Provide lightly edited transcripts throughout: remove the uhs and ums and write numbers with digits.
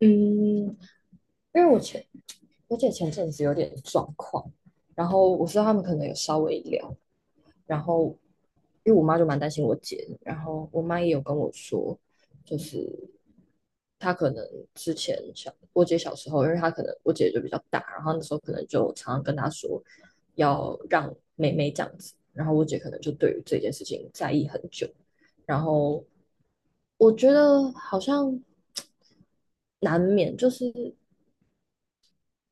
嗯，因为我前我姐前阵子有点状况，然后我知道他们可能有稍微聊。然后因为我妈就蛮担心我姐的，然后我妈也有跟我说，就是她可能之前小我姐小时候，因为她可能，我姐就比较大，然后那时候可能就常常跟她说要让妹妹这样子，然后我姐可能就对于这件事情在意很久。然后我觉得好像 难免就是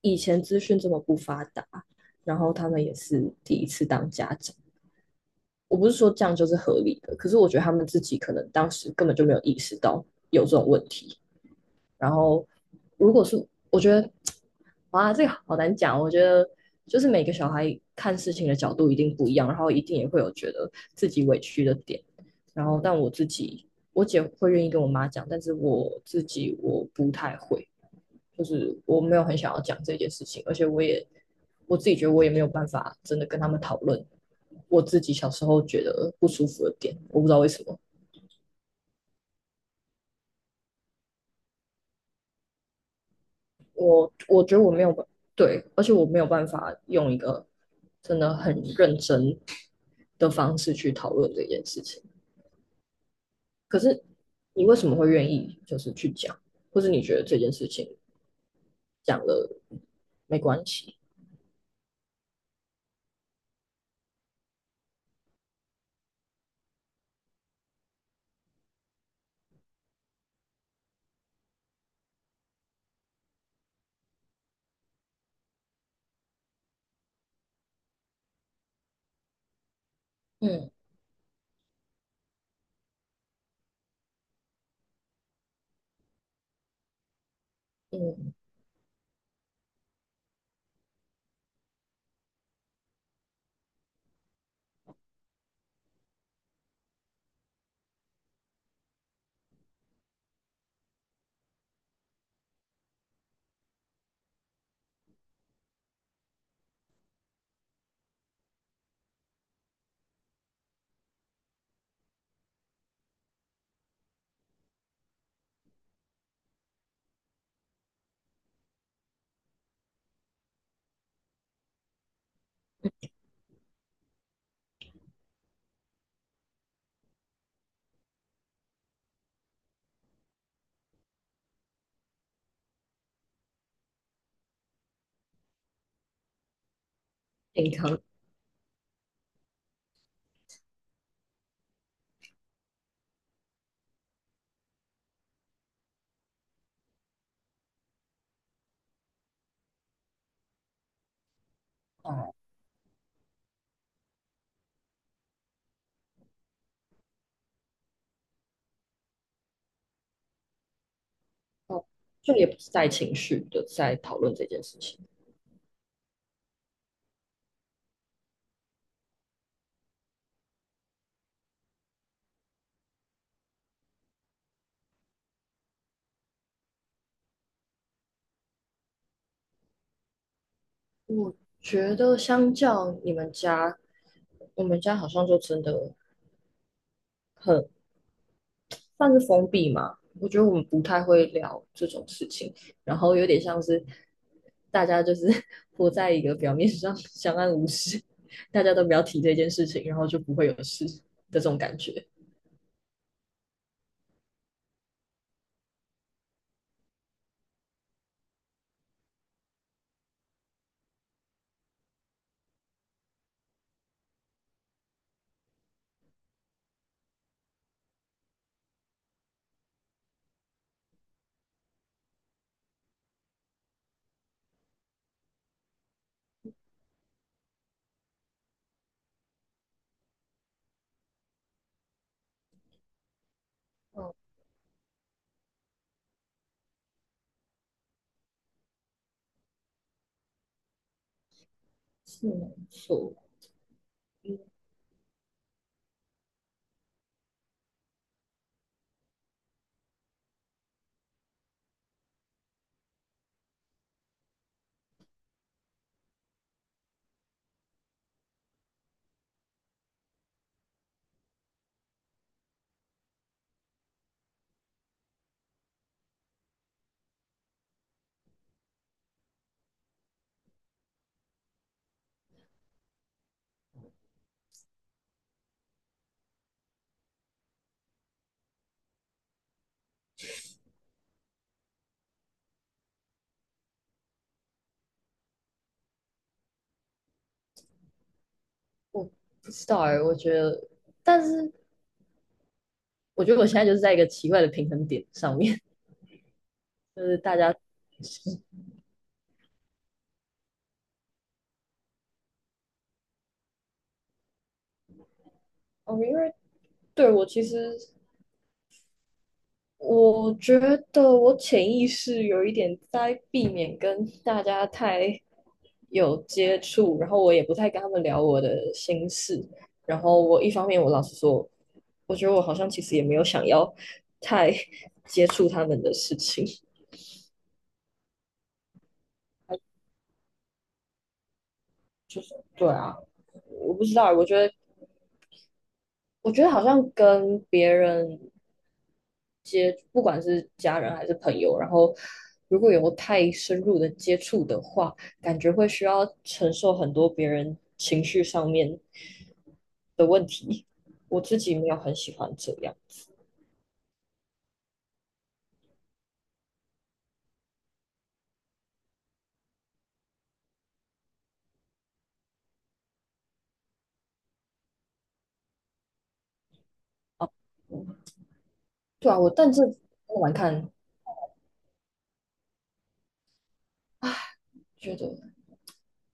以前资讯这么不发达，然后他们也是第一次当家长。我不是说这样就是合理的，可是我觉得他们自己可能当时根本就没有意识到有这种问题。然后，如果是，我觉得，哇，这个好难讲。我觉得就是每个小孩看事情的角度一定不一样，然后一定也会有觉得自己委屈的点。然后，但我自己，我姐会愿意跟我妈讲，但是我自己我不太会。就是我没有很想要讲这件事情，而且我自己觉得我也没有办法真的跟他们讨论我自己小时候觉得不舒服的点，我不知道为什么，我觉得我没有对，而且我没有办法用一个真的很认真的方式去讨论这件事情。可是你为什么会愿意就是去讲，或是你觉得这件事情讲了没关系？嗯嗯，健康。哦、哦，就也不是带情绪的在讨论这件事情。觉得相较你们家，我们家好像就真的很算是封闭嘛。我觉得我们不太会聊这种事情，然后有点像是大家就是 活在一个表面上相安无事，大家都不要提这件事情，然后就不会有事的这种感觉。嗯，是没错。嗯，我不知道，哎、欸我觉得，但是我觉得我现在就是在一个奇怪的平衡点上面。就是大家。哦，因为对我其实，我觉得我潜意识有一点在避免跟大家太有接触，然后我也不太跟他们聊我的心事。然后我一方面，我老实说，我觉得我好像其实也没有想要太接触他们的事情。对啊，我不知道，我觉得，我觉得好像跟别人，不管是家人还是朋友，然后如果有太深入的接触的话，感觉会需要承受很多别人情绪上面的问题。我自己没有很喜欢这样，嗯对啊，我但是我来看，觉得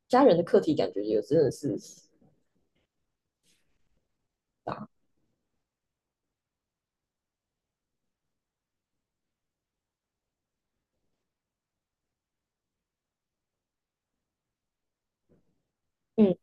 家人的课题感觉也真的是大。嗯，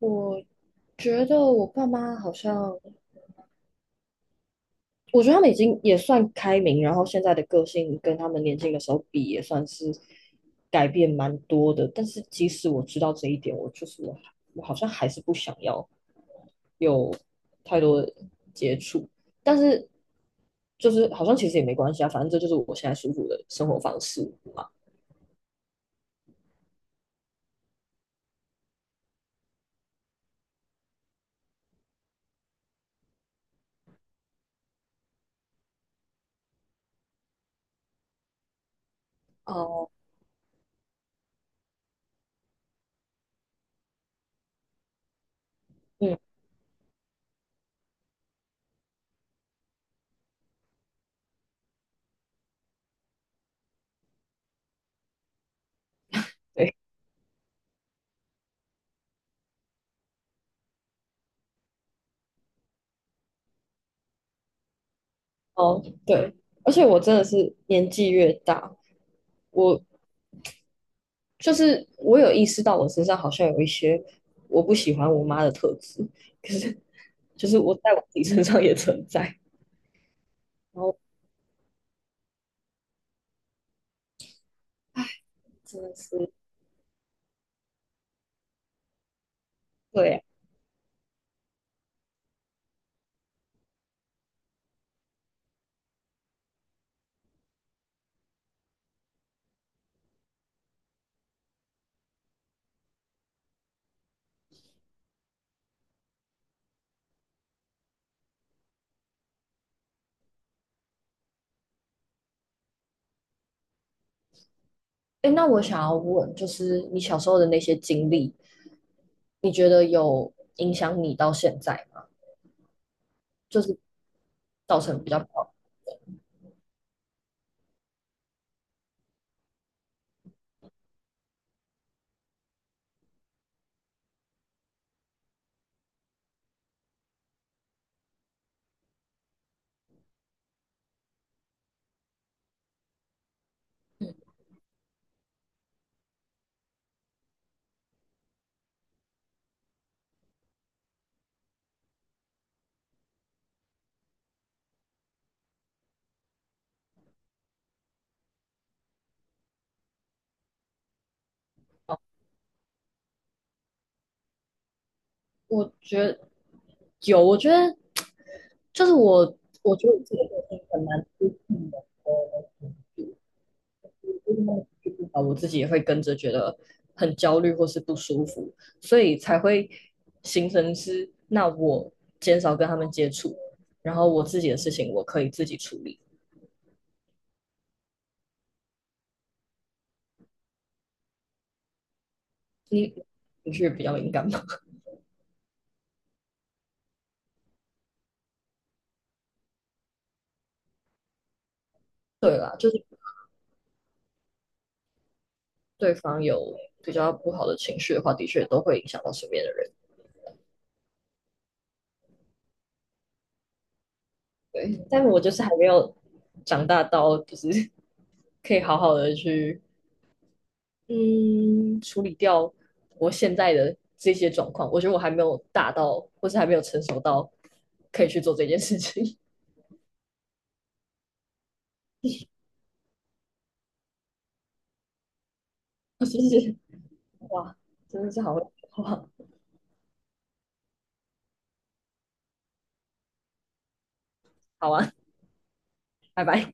我觉得我爸妈好像，我觉得他们已经也算开明，然后现在的个性跟他们年轻的时候比，也算是改变蛮多的。但是即使我知道这一点，我好像还是不想要有太多的接触。但是就是好像其实也没关系啊，反正这就是我现在舒服的生活方式。哦，嗯，对，哦，对，而且我真的是年纪越大，我就是我有意识到我身上好像有一些我不喜欢我妈的特质，可是就是我在我自己身上也存在。然后真的是，对啊，哎，那我想要问，就是你小时候的那些经历，你觉得有影响你到现在吗？就是造成比较不好？我觉得有，我觉得就是我，我觉得我自己的个性很难，就是那种情绪不好，我自己也会跟着觉得很焦虑或是不舒服，所以才会形成是，那我减少跟他们接触，然后我自己的事情我可以自己处理。你情绪比较敏感嘛。对啦，就是对方有比较不好的情绪的话，的确都会影响到身边的人。对，但我就是还没有长大到，就是 可以好好的去嗯处理掉我现在的这些状况。我觉得我还没有大到，或是还没有成熟到可以去做这件事情。谢谢，哇，真的是好会，哇，好啊，拜拜。